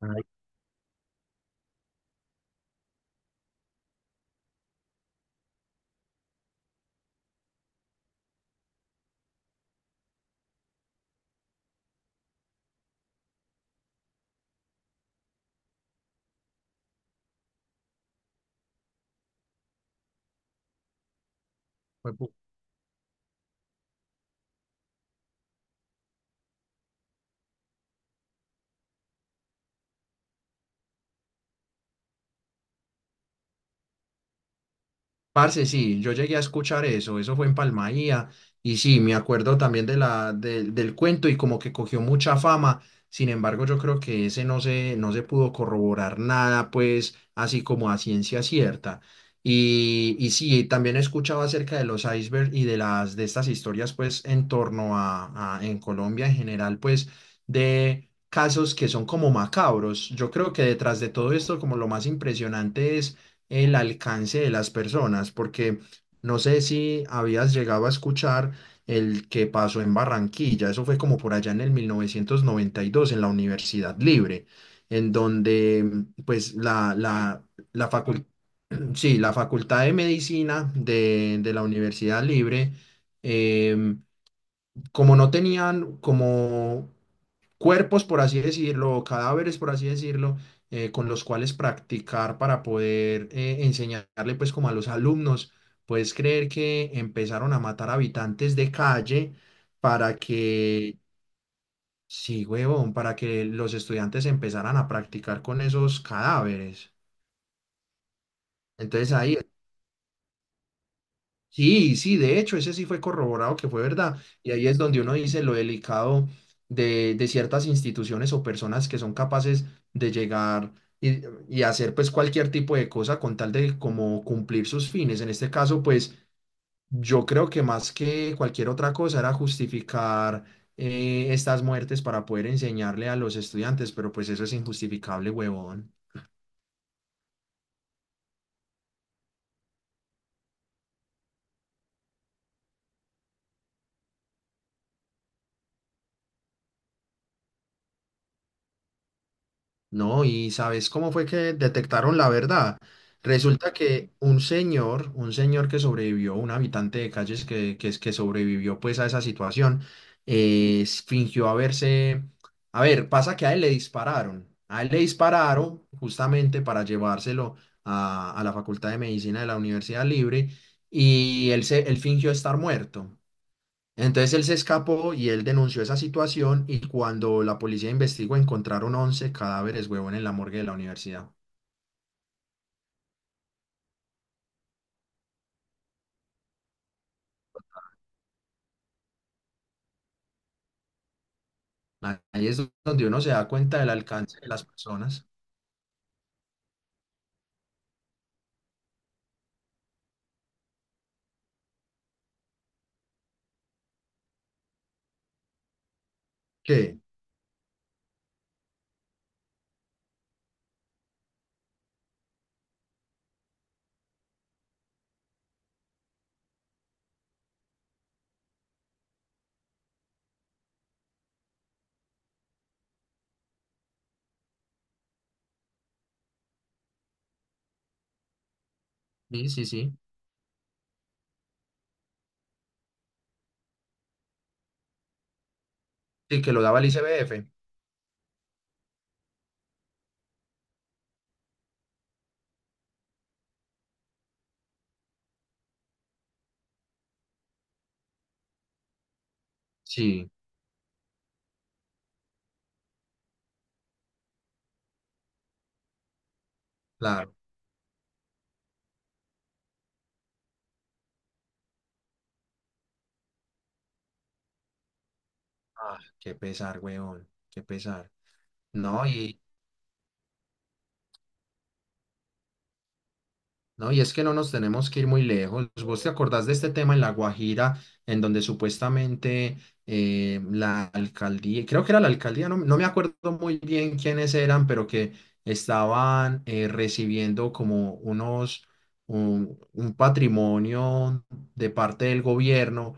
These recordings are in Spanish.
Ay, juepu- parce, sí, yo llegué a escuchar eso, eso fue en Palmaía, y sí, me acuerdo también de del cuento y como que cogió mucha fama. Sin embargo, yo creo que ese no se pudo corroborar nada, pues, así como a ciencia cierta. Y sí, también he escuchado acerca de los icebergs y de de estas historias, pues, en torno a, en Colombia en general, pues, de casos que son como macabros. Yo creo que detrás de todo esto, como lo más impresionante es el alcance de las personas, porque no sé si habías llegado a escuchar el que pasó en Barranquilla. Eso fue como por allá en el 1992 en la Universidad Libre, en donde pues la facul sí, la Facultad de Medicina de la Universidad Libre. em, como no tenían como cuerpos, por así decirlo, o cadáveres, por así decirlo, con los cuales practicar para poder enseñarle pues como a los alumnos, ¿puedes creer que empezaron a matar habitantes de calle para que, sí, huevón, para que los estudiantes empezaran a practicar con esos cadáveres? Entonces ahí sí, sí, de hecho, ese sí fue corroborado que fue verdad. Y ahí es donde uno dice lo delicado de ciertas instituciones o personas que son capaces de llegar y, y hacer pues cualquier tipo de cosa con tal de como cumplir sus fines. En este caso, pues yo creo que más que cualquier otra cosa era justificar estas muertes para poder enseñarle a los estudiantes, pero pues eso es injustificable, huevón. No, y ¿sabes cómo fue que detectaron la verdad? Resulta que un señor que sobrevivió, un habitante de calles que sobrevivió pues a esa situación, fingió haberse... A ver, pasa que a él le dispararon. A él le dispararon justamente para llevárselo a la Facultad de Medicina de la Universidad Libre y él fingió estar muerto. Entonces él se escapó y él denunció esa situación, y cuando la policía investigó encontraron 11 cadáveres, huevón, en la morgue de la universidad. Ahí es donde uno se da cuenta del alcance de las personas. ¿Qué? Sí, sí, sí. Sí, que lo daba el ICBF. Sí, claro. Ah, qué pesar, huevón, qué pesar. No, y, No, y es que no nos tenemos que ir muy lejos. ¿Vos te acordás de este tema en La Guajira, en donde supuestamente la alcaldía, creo que era la alcaldía, no, no me acuerdo muy bien quiénes eran, pero que estaban recibiendo como un patrimonio de parte del gobierno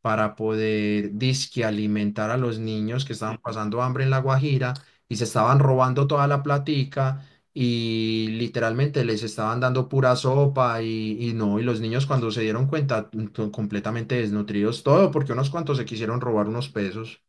para poder disque alimentar a los niños que estaban pasando hambre en La Guajira, y se estaban robando toda la platica y literalmente les estaban dando pura sopa? Y, y no, y los niños cuando se dieron cuenta completamente desnutridos, todo porque unos cuantos se quisieron robar unos pesos.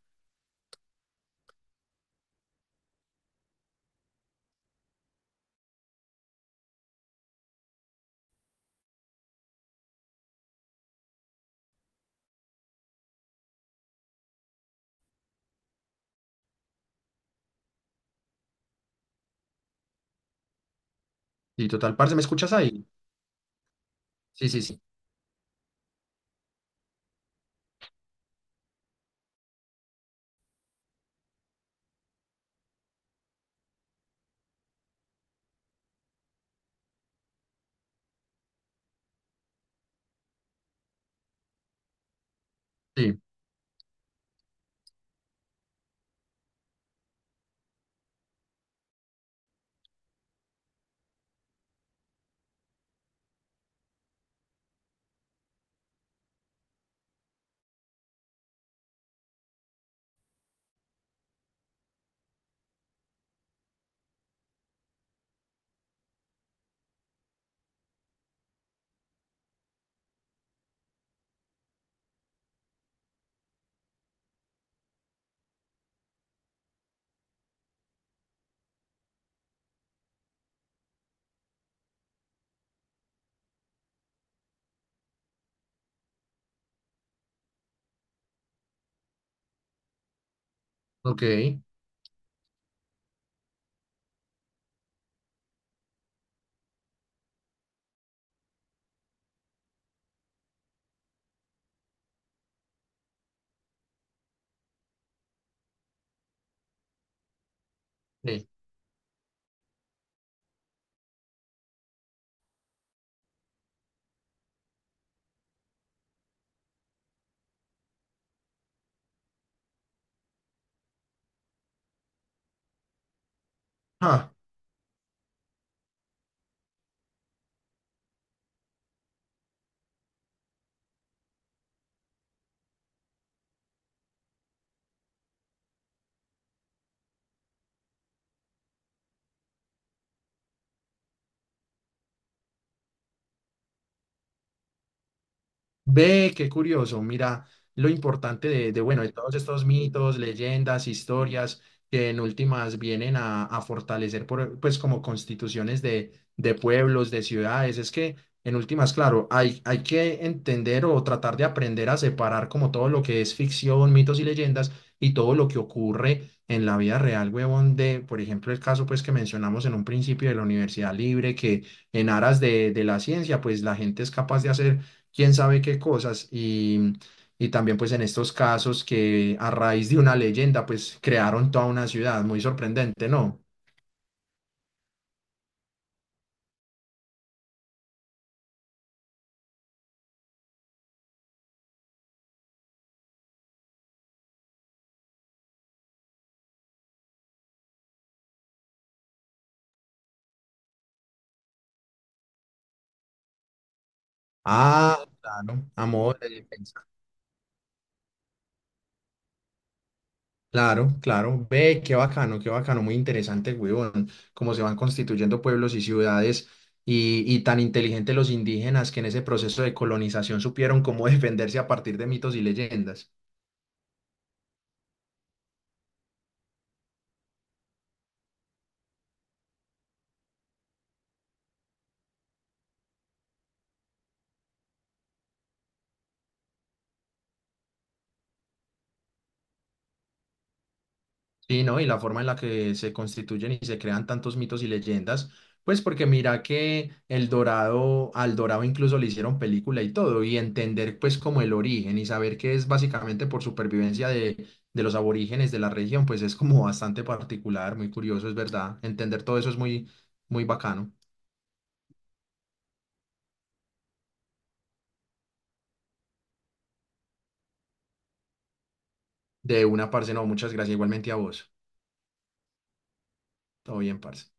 Y total, parce, ¿me escuchas ahí? Sí, sí, sí. Sí, ok. Sí. Ah, ve, qué curioso. Mira lo importante de, bueno, de todos estos mitos, leyendas, historias que en últimas vienen a fortalecer, por, pues, como constituciones de pueblos, de ciudades. Es que en últimas, claro, hay que entender o tratar de aprender a separar como todo lo que es ficción, mitos y leyendas y todo lo que ocurre en la vida real, huevón, de, por ejemplo, el caso, pues, que mencionamos en un principio de la Universidad Libre, que en aras de la ciencia, pues, la gente es capaz de hacer quién sabe qué cosas y también pues en estos casos que a raíz de una leyenda pues crearon toda una ciudad, muy sorprendente, ¿no? Ah, claro, a modo de defensa. Claro, claro, ve, qué bacano, muy interesante, huevón, cómo se van constituyendo pueblos y ciudades y tan inteligentes los indígenas que en ese proceso de colonización supieron cómo defenderse a partir de mitos y leyendas. Sí, ¿no? Y la forma en la que se constituyen y se crean tantos mitos y leyendas, pues porque mira que El Dorado, al Dorado incluso le hicieron película y todo, y entender pues como el origen y saber que es básicamente por supervivencia de los aborígenes de la región, pues es como bastante particular, muy curioso, es verdad. Entender todo eso es muy, muy bacano. De una, parce, no, muchas gracias igualmente a vos. Todo bien, parce.